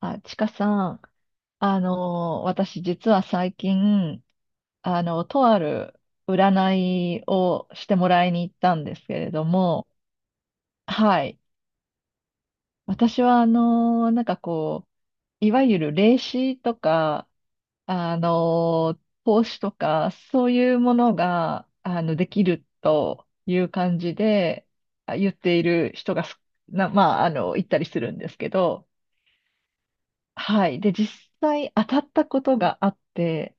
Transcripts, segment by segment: あ、ちかさん、私実は最近、とある占いをしてもらいに行ったんですけれども、はい。私は、なんかこう、いわゆる霊視とか、あの投資とか、そういうものが、できるという感じで、言っている人がまあ、行ったりするんですけど、はい。で、実際当たったことがあって、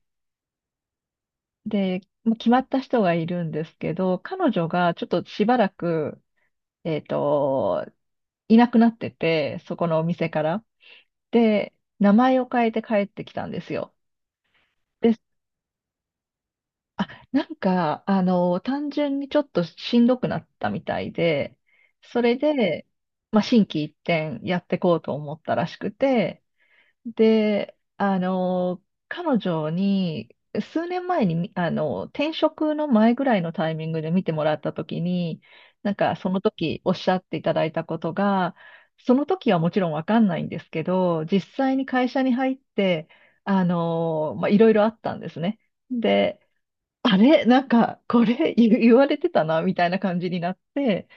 で、もう決まった人がいるんですけど、彼女がちょっとしばらく、えっと、いなくなってて、そこのお店から。で、名前を変えて帰ってきたんですよ。で、あ、なんか、単純にちょっとしんどくなったみたいで、それで、まあ、心機一転やってこうと思ったらしくて、で、彼女に、数年前に、みあの、転職の前ぐらいのタイミングで見てもらったときに、なんかその時おっしゃっていただいたことが、その時はもちろんわかんないんですけど、実際に会社に入って、まあ、いろいろあったんですね。で、あれ、なんか、これ言われてたな、みたいな感じになって、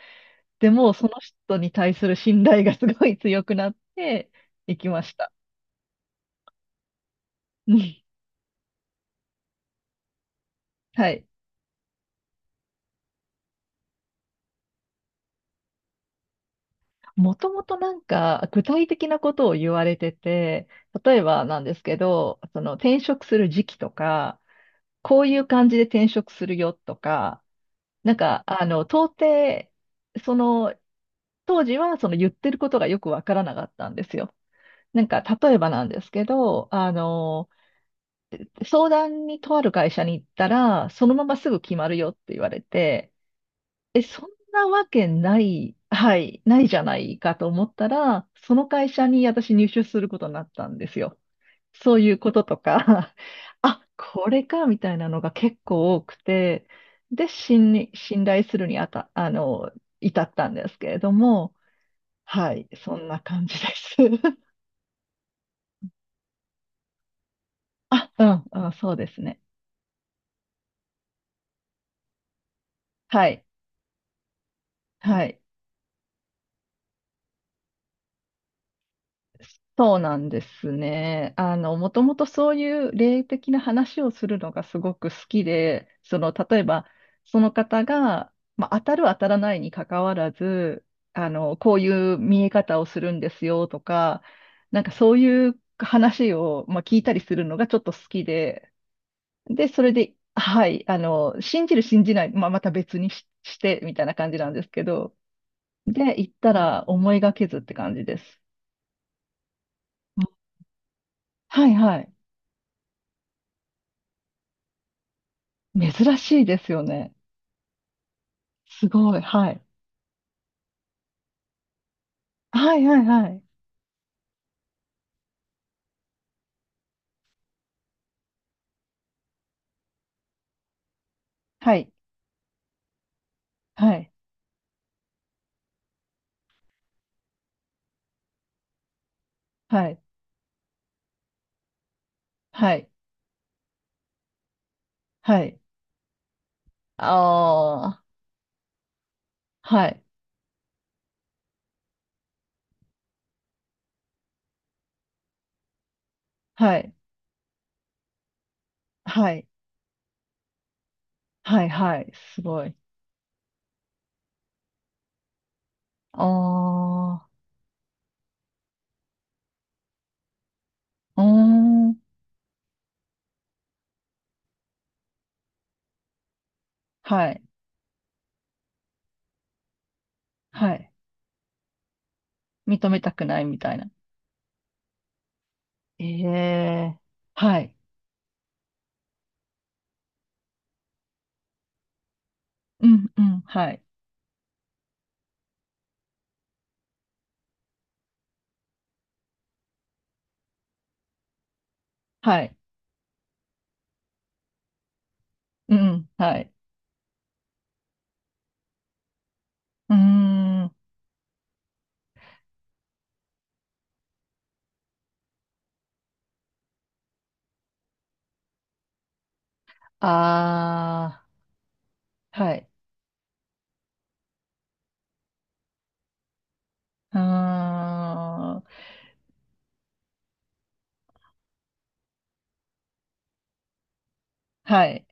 でも、その人に対する信頼がすごい強くなっていきました。うん。はい。もともとなんか具体的なことを言われてて、例えばなんですけど、その転職する時期とか、こういう感じで転職するよとか、なんか到底、その、当時はその言ってることがよくわからなかったんですよ。なんか例えばなんですけど、相談にとある会社に行ったら、そのまますぐ決まるよって言われて、なわけない、はい、ないじゃないかと思ったら、その会社に私入社することになったんですよ。そういうこととか、あ、これか、みたいなのが結構多くて、で、信頼するにあた、至ったんですけれども、はい、そんな感じです。あ、うん、うん、そうですね。はい、はい。そうなんですね。もともとそういう霊的な話をするのがすごく好きで、その、例えば、その方が、まあ、当たる当たらないにかかわらず、こういう見え方をするんですよとか、なんかそういう話を、まあ、聞いたりするのがちょっと好きで、で、それで、はい、信じる信じない、まあ、また別にし、してみたいな感じなんですけど、で、行ったら思いがけずって感じです。うん、はい、はい。珍しいですよね。すごい。はい。はい、はい、はい。はい。はい。はい。はい。はい。ああ。はい。はい。はい。はい。はい。すごい。ああ。うーん。はい。はい。認めたくないみたいな。ええ。はい。うん。うん。はい。はい。うん。はい。うーん。ああ。はい。うーん。はい。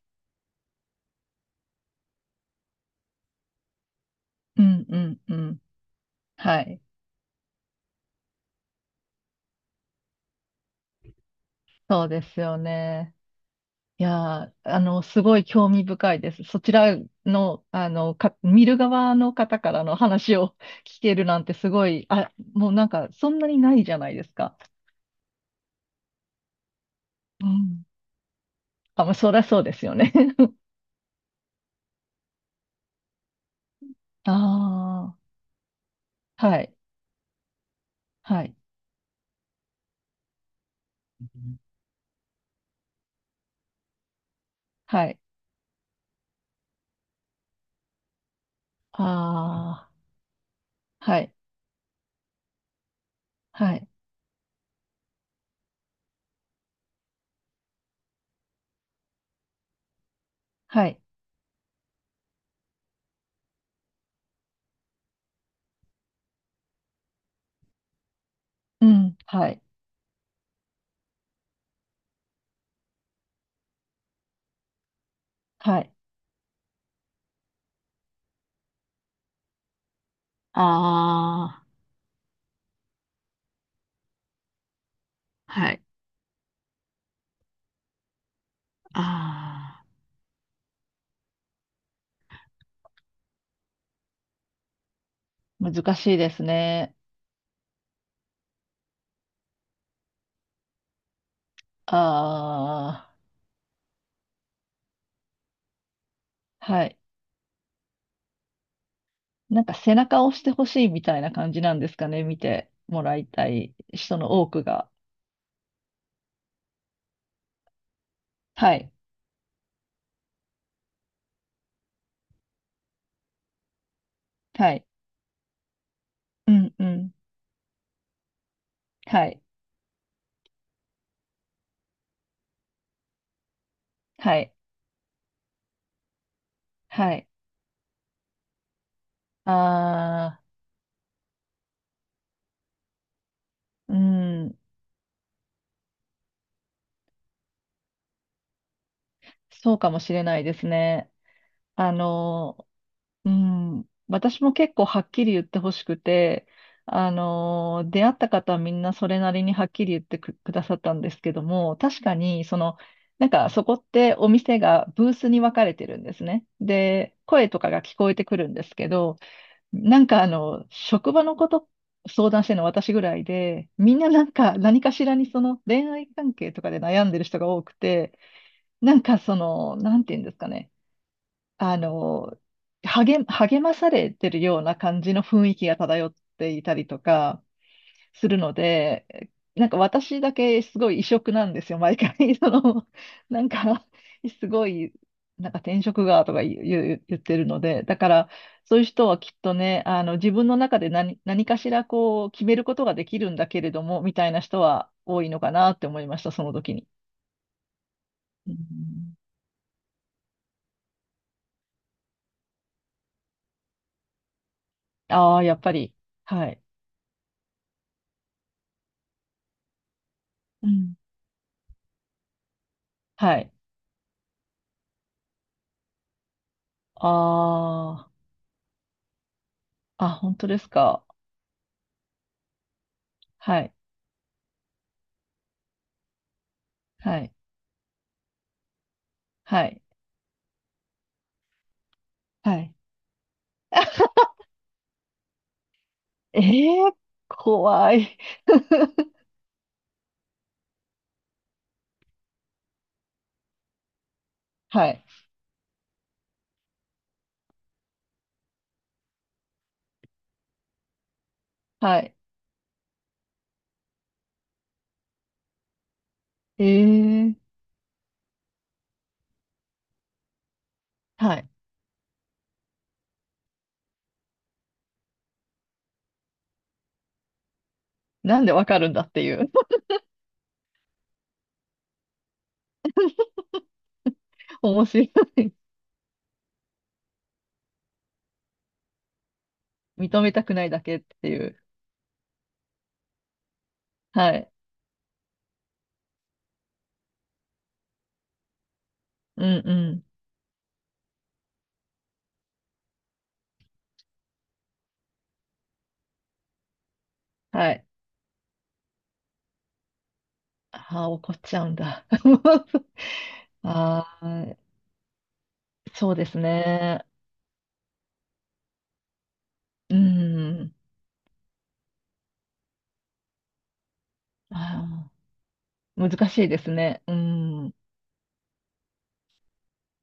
うん。うん。うん。はい。そうですよね。いやー、すごい興味深いです。そちらの、見る側の方からの話を 聞けるなんてすごい、あ、もうなんか、そんなにないじゃないですか。うん。あ、まあ、そりゃそうですよね。ああ、はい、はい、はい。ああ、はい、はい、はい、うん、はい、はい。ああ、はい。ああ。難しいですね。ああ、はい。なんか背中を押してほしいみたいな感じなんですかね、見てもらいたい人の多くが。はい、はい、うん、うん、はい、はい、はい。ああ、うん、そうかもしれないですね。あのうん、私も結構はっきり言ってほしくて、出会った方はみんなそれなりにはっきり言ってく、くださったんですけども、確かに、その、なんかそこってお店がブースに分かれてるんですね。で、声とかが聞こえてくるんですけど、なんか職場のこと相談してるの私ぐらいで、みんななんか何かしらにその恋愛関係とかで悩んでる人が多くて、なんかその、なんて言うんですかね。あの、励まされてるような感じの雰囲気が漂っていたりとかするので、なんか私だけすごい異色なんですよ、毎回。その、なんか、すごい、なんか転職がとか言ってるので、だから、そういう人はきっとね、自分の中で何かしらこう、決めることができるんだけれども、みたいな人は多いのかなって思いました、その時に。うん、ああ、やっぱり。はい。うん。はい。ああ、あ、本当ですか。はい、はい、はい、はい。えー、怖い。はい、はい。えー、はい。なんでわかるんだっていう。面白い。認めたくないだけっていう。はい。うん、うん。はい。ああ、怒っちゃうんだ。ああ、そうですね。うん。ああ難しいですね。うん。